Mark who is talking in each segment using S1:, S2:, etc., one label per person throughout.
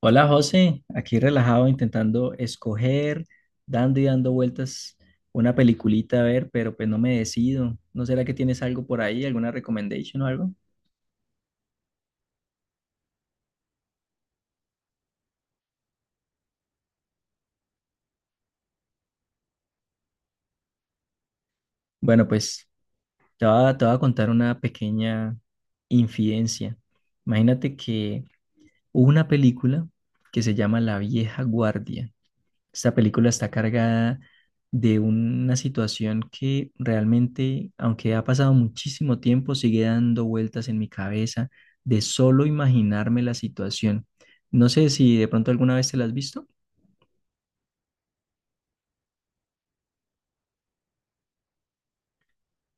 S1: Hola José, aquí relajado intentando escoger, dando y dando vueltas una peliculita a ver, pero pues no me decido. ¿No será que tienes algo por ahí, alguna recommendation o algo? Bueno, pues te voy a contar una pequeña infidencia. Imagínate que hubo una película que se llama La Vieja Guardia. Esta película está cargada de una situación que realmente, aunque ha pasado muchísimo tiempo, sigue dando vueltas en mi cabeza de solo imaginarme la situación. No sé si de pronto alguna vez te la has visto.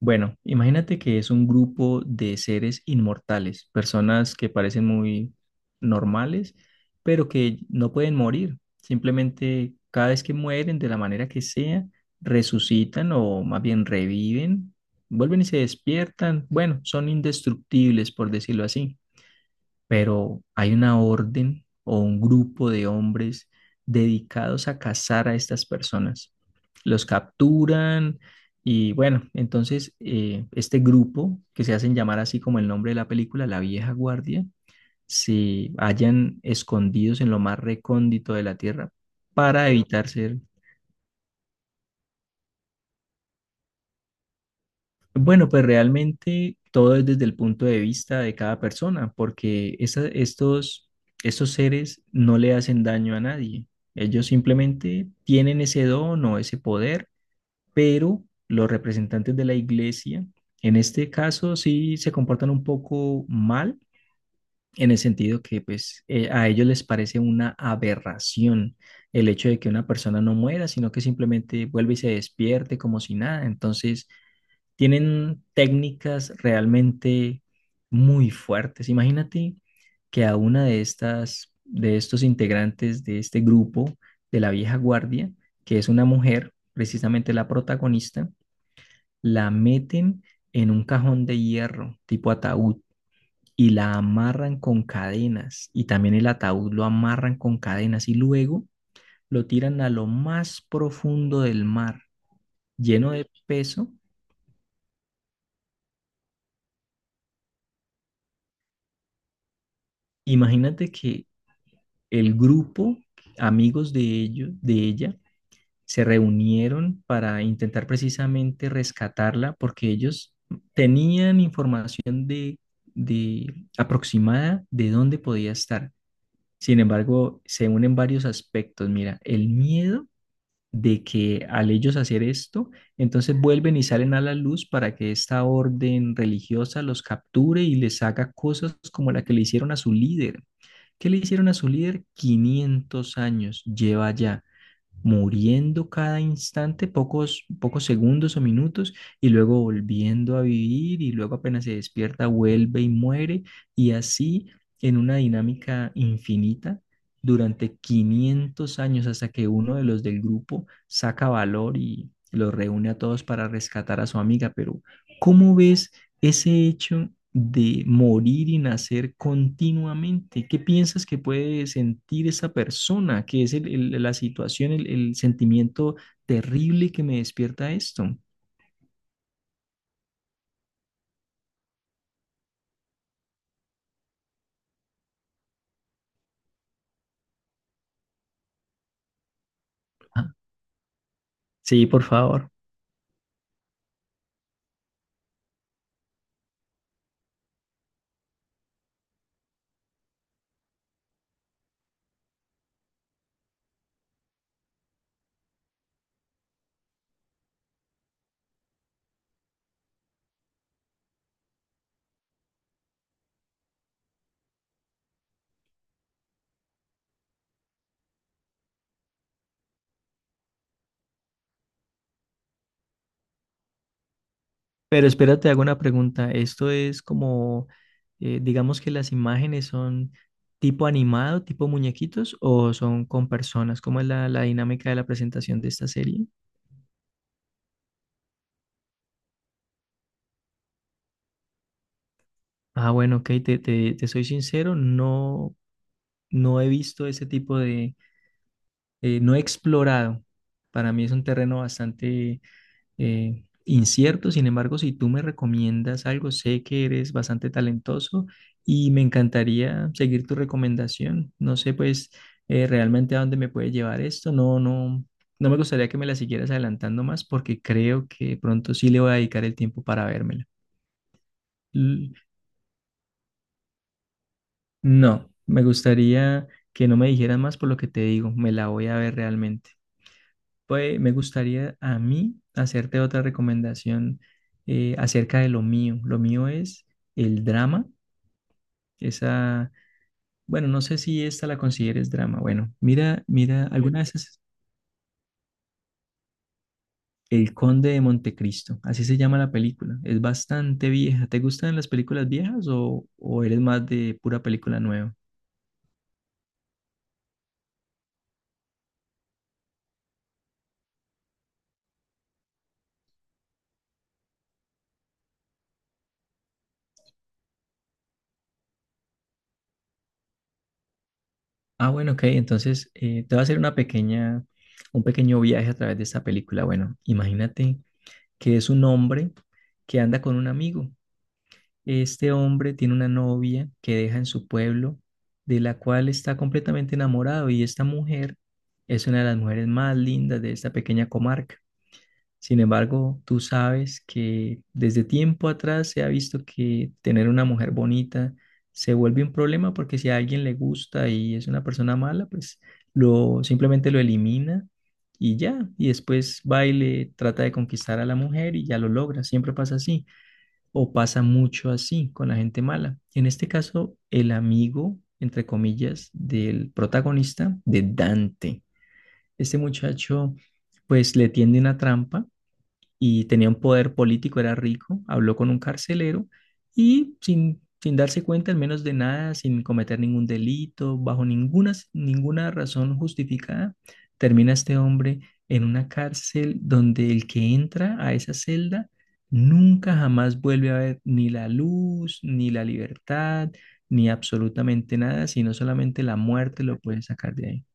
S1: Bueno, imagínate que es un grupo de seres inmortales, personas que parecen muy normales, pero que no pueden morir. Simplemente cada vez que mueren, de la manera que sea, resucitan o más bien reviven, vuelven y se despiertan. Bueno, son indestructibles, por decirlo así, pero hay una orden o un grupo de hombres dedicados a cazar a estas personas. Los capturan y bueno, entonces este grupo, que se hacen llamar así como el nombre de la película, La Vieja Guardia, se hallan escondidos en lo más recóndito de la tierra para evitar ser. Bueno, pues realmente todo es desde el punto de vista de cada persona, porque estos seres no le hacen daño a nadie. Ellos simplemente tienen ese don o ese poder, pero los representantes de la iglesia, en este caso, sí se comportan un poco mal, en el sentido que pues a ellos les parece una aberración el hecho de que una persona no muera, sino que simplemente vuelve y se despierte como si nada. Entonces tienen técnicas realmente muy fuertes. Imagínate que a de estos integrantes de este grupo de la vieja guardia, que es una mujer, precisamente la protagonista, la meten en un cajón de hierro tipo ataúd y la amarran con cadenas y también el ataúd lo amarran con cadenas y luego lo tiran a lo más profundo del mar, lleno de peso. Imagínate que el grupo, amigos de ellos, de ella, se reunieron para intentar precisamente rescatarla porque ellos tenían información de aproximada de dónde podía estar. Sin embargo, se unen varios aspectos. Mira, el miedo de que al ellos hacer esto, entonces vuelven y salen a la luz para que esta orden religiosa los capture y les haga cosas como la que le hicieron a su líder. ¿Qué le hicieron a su líder? 500 años lleva ya muriendo cada instante, pocos segundos o minutos, y luego volviendo a vivir, y luego apenas se despierta, vuelve y muere, y así en una dinámica infinita durante 500 años hasta que uno de los del grupo saca valor y los reúne a todos para rescatar a su amiga. Pero, ¿cómo ves ese hecho de morir y nacer continuamente? ¿Qué piensas que puede sentir esa persona? ¿Qué es la situación, el sentimiento terrible que me despierta esto? Ah, sí, por favor. Pero espérate, hago una pregunta. Esto es como, digamos que las imágenes son tipo animado, tipo muñequitos, o son con personas. ¿Cómo es la dinámica de la presentación de esta serie? Ah, bueno, ok, te soy sincero. No, no he visto ese tipo de, no he explorado. Para mí es un terreno bastante incierto. Sin embargo, si tú me recomiendas algo, sé que eres bastante talentoso y me encantaría seguir tu recomendación. No sé, pues, realmente a dónde me puede llevar esto. No, no, no me gustaría que me la siguieras adelantando más porque creo que pronto sí le voy a dedicar el tiempo para vérmela. L- No, me gustaría que no me dijeras más por lo que te digo. Me la voy a ver realmente. Pues me gustaría a mí hacerte otra recomendación acerca de lo mío. Lo mío es el drama. Esa, bueno, no sé si esta la consideres drama. Bueno, mira, mira, alguna vez es... El Conde de Montecristo, así se llama la película. Es bastante vieja. ¿Te gustan las películas viejas o eres más de pura película nueva? Ah, bueno, ok. Entonces te voy a hacer un pequeño viaje a través de esta película. Bueno, imagínate que es un hombre que anda con un amigo. Este hombre tiene una novia que deja en su pueblo, de la cual está completamente enamorado, y esta mujer es una de las mujeres más lindas de esta pequeña comarca. Sin embargo, tú sabes que desde tiempo atrás se ha visto que tener una mujer bonita se vuelve un problema porque si a alguien le gusta y es una persona mala, pues lo simplemente lo elimina y ya, y después va y le trata de conquistar a la mujer y ya lo logra, siempre pasa así o pasa mucho así con la gente mala. En este caso, el amigo, entre comillas, del protagonista de Dante. Este muchacho, pues le tiende una trampa y tenía un poder político, era rico, habló con un carcelero y sin darse cuenta, al menos de nada, sin cometer ningún delito, bajo ninguna razón justificada, termina este hombre en una cárcel donde el que entra a esa celda nunca jamás vuelve a ver ni la luz, ni la libertad, ni absolutamente nada, sino solamente la muerte lo puede sacar de ahí.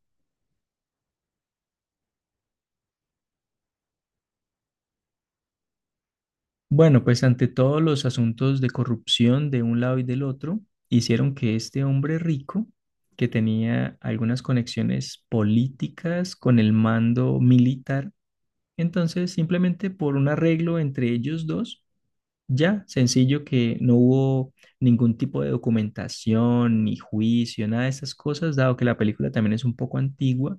S1: Bueno, pues ante todos los asuntos de corrupción de un lado y del otro, hicieron que este hombre rico, que tenía algunas conexiones políticas con el mando militar, entonces simplemente por un arreglo entre ellos dos, ya sencillo que no hubo ningún tipo de documentación, ni juicio, nada de esas cosas, dado que la película también es un poco antigua.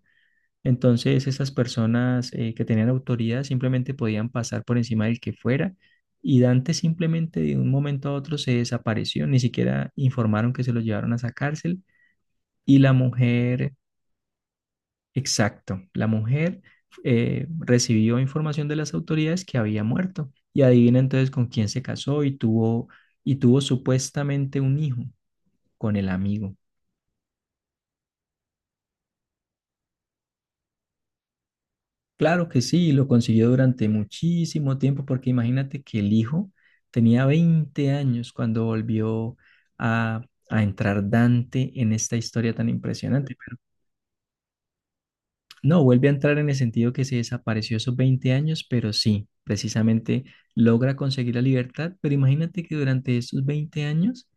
S1: Entonces, esas personas que tenían autoridad simplemente podían pasar por encima del que fuera, y Dante simplemente de un momento a otro se desapareció, ni siquiera informaron que se lo llevaron a esa cárcel, y la mujer, exacto, la mujer recibió información de las autoridades que había muerto, y adivina entonces con quién se casó y tuvo supuestamente un hijo con el amigo. Claro que sí, lo consiguió durante muchísimo tiempo, porque imagínate que el hijo tenía 20 años cuando volvió a, a entrar Dante en esta historia tan impresionante. Pero no, vuelve a entrar en el sentido que se desapareció esos 20 años, pero sí, precisamente logra conseguir la libertad. Pero imagínate que durante esos 20 años,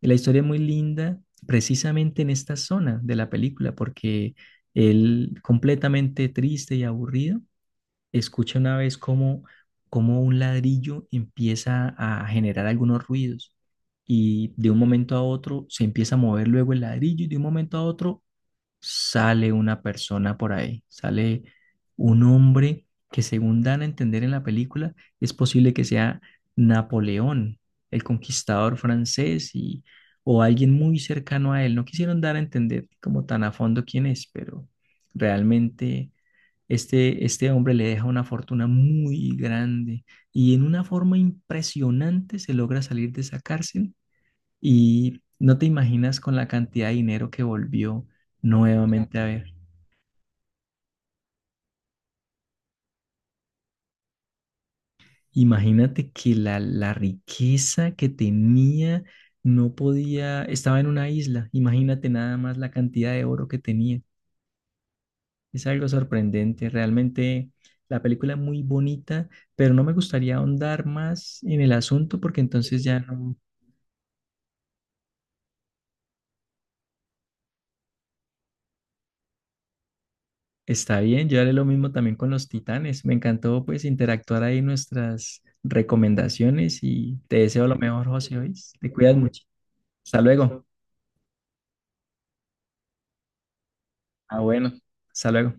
S1: la historia es muy linda, precisamente en esta zona de la película, porque él completamente triste y aburrido escucha una vez cómo un ladrillo empieza a generar algunos ruidos, y de un momento a otro se empieza a mover luego el ladrillo y de un momento a otro sale una persona por ahí, sale un hombre que según dan a entender en la película es posible que sea Napoleón, el conquistador francés y, o alguien muy cercano a él. No quisieron dar a entender como tan a fondo quién es, pero realmente... Este hombre le deja una fortuna muy grande y en una forma impresionante se logra salir de esa cárcel, y no te imaginas con la cantidad de dinero que volvió nuevamente a ver. Imagínate que la riqueza que tenía no podía, estaba en una isla, imagínate nada más la cantidad de oro que tenía. Es algo sorprendente, realmente la película es muy bonita, pero no me gustaría ahondar más en el asunto porque entonces ya no. Está bien, yo haré lo mismo también con los titanes. Me encantó pues interactuar ahí nuestras recomendaciones, y te deseo lo mejor, José, hoy. Te cuidas mucho. Hasta luego. Ah, bueno. Hasta luego.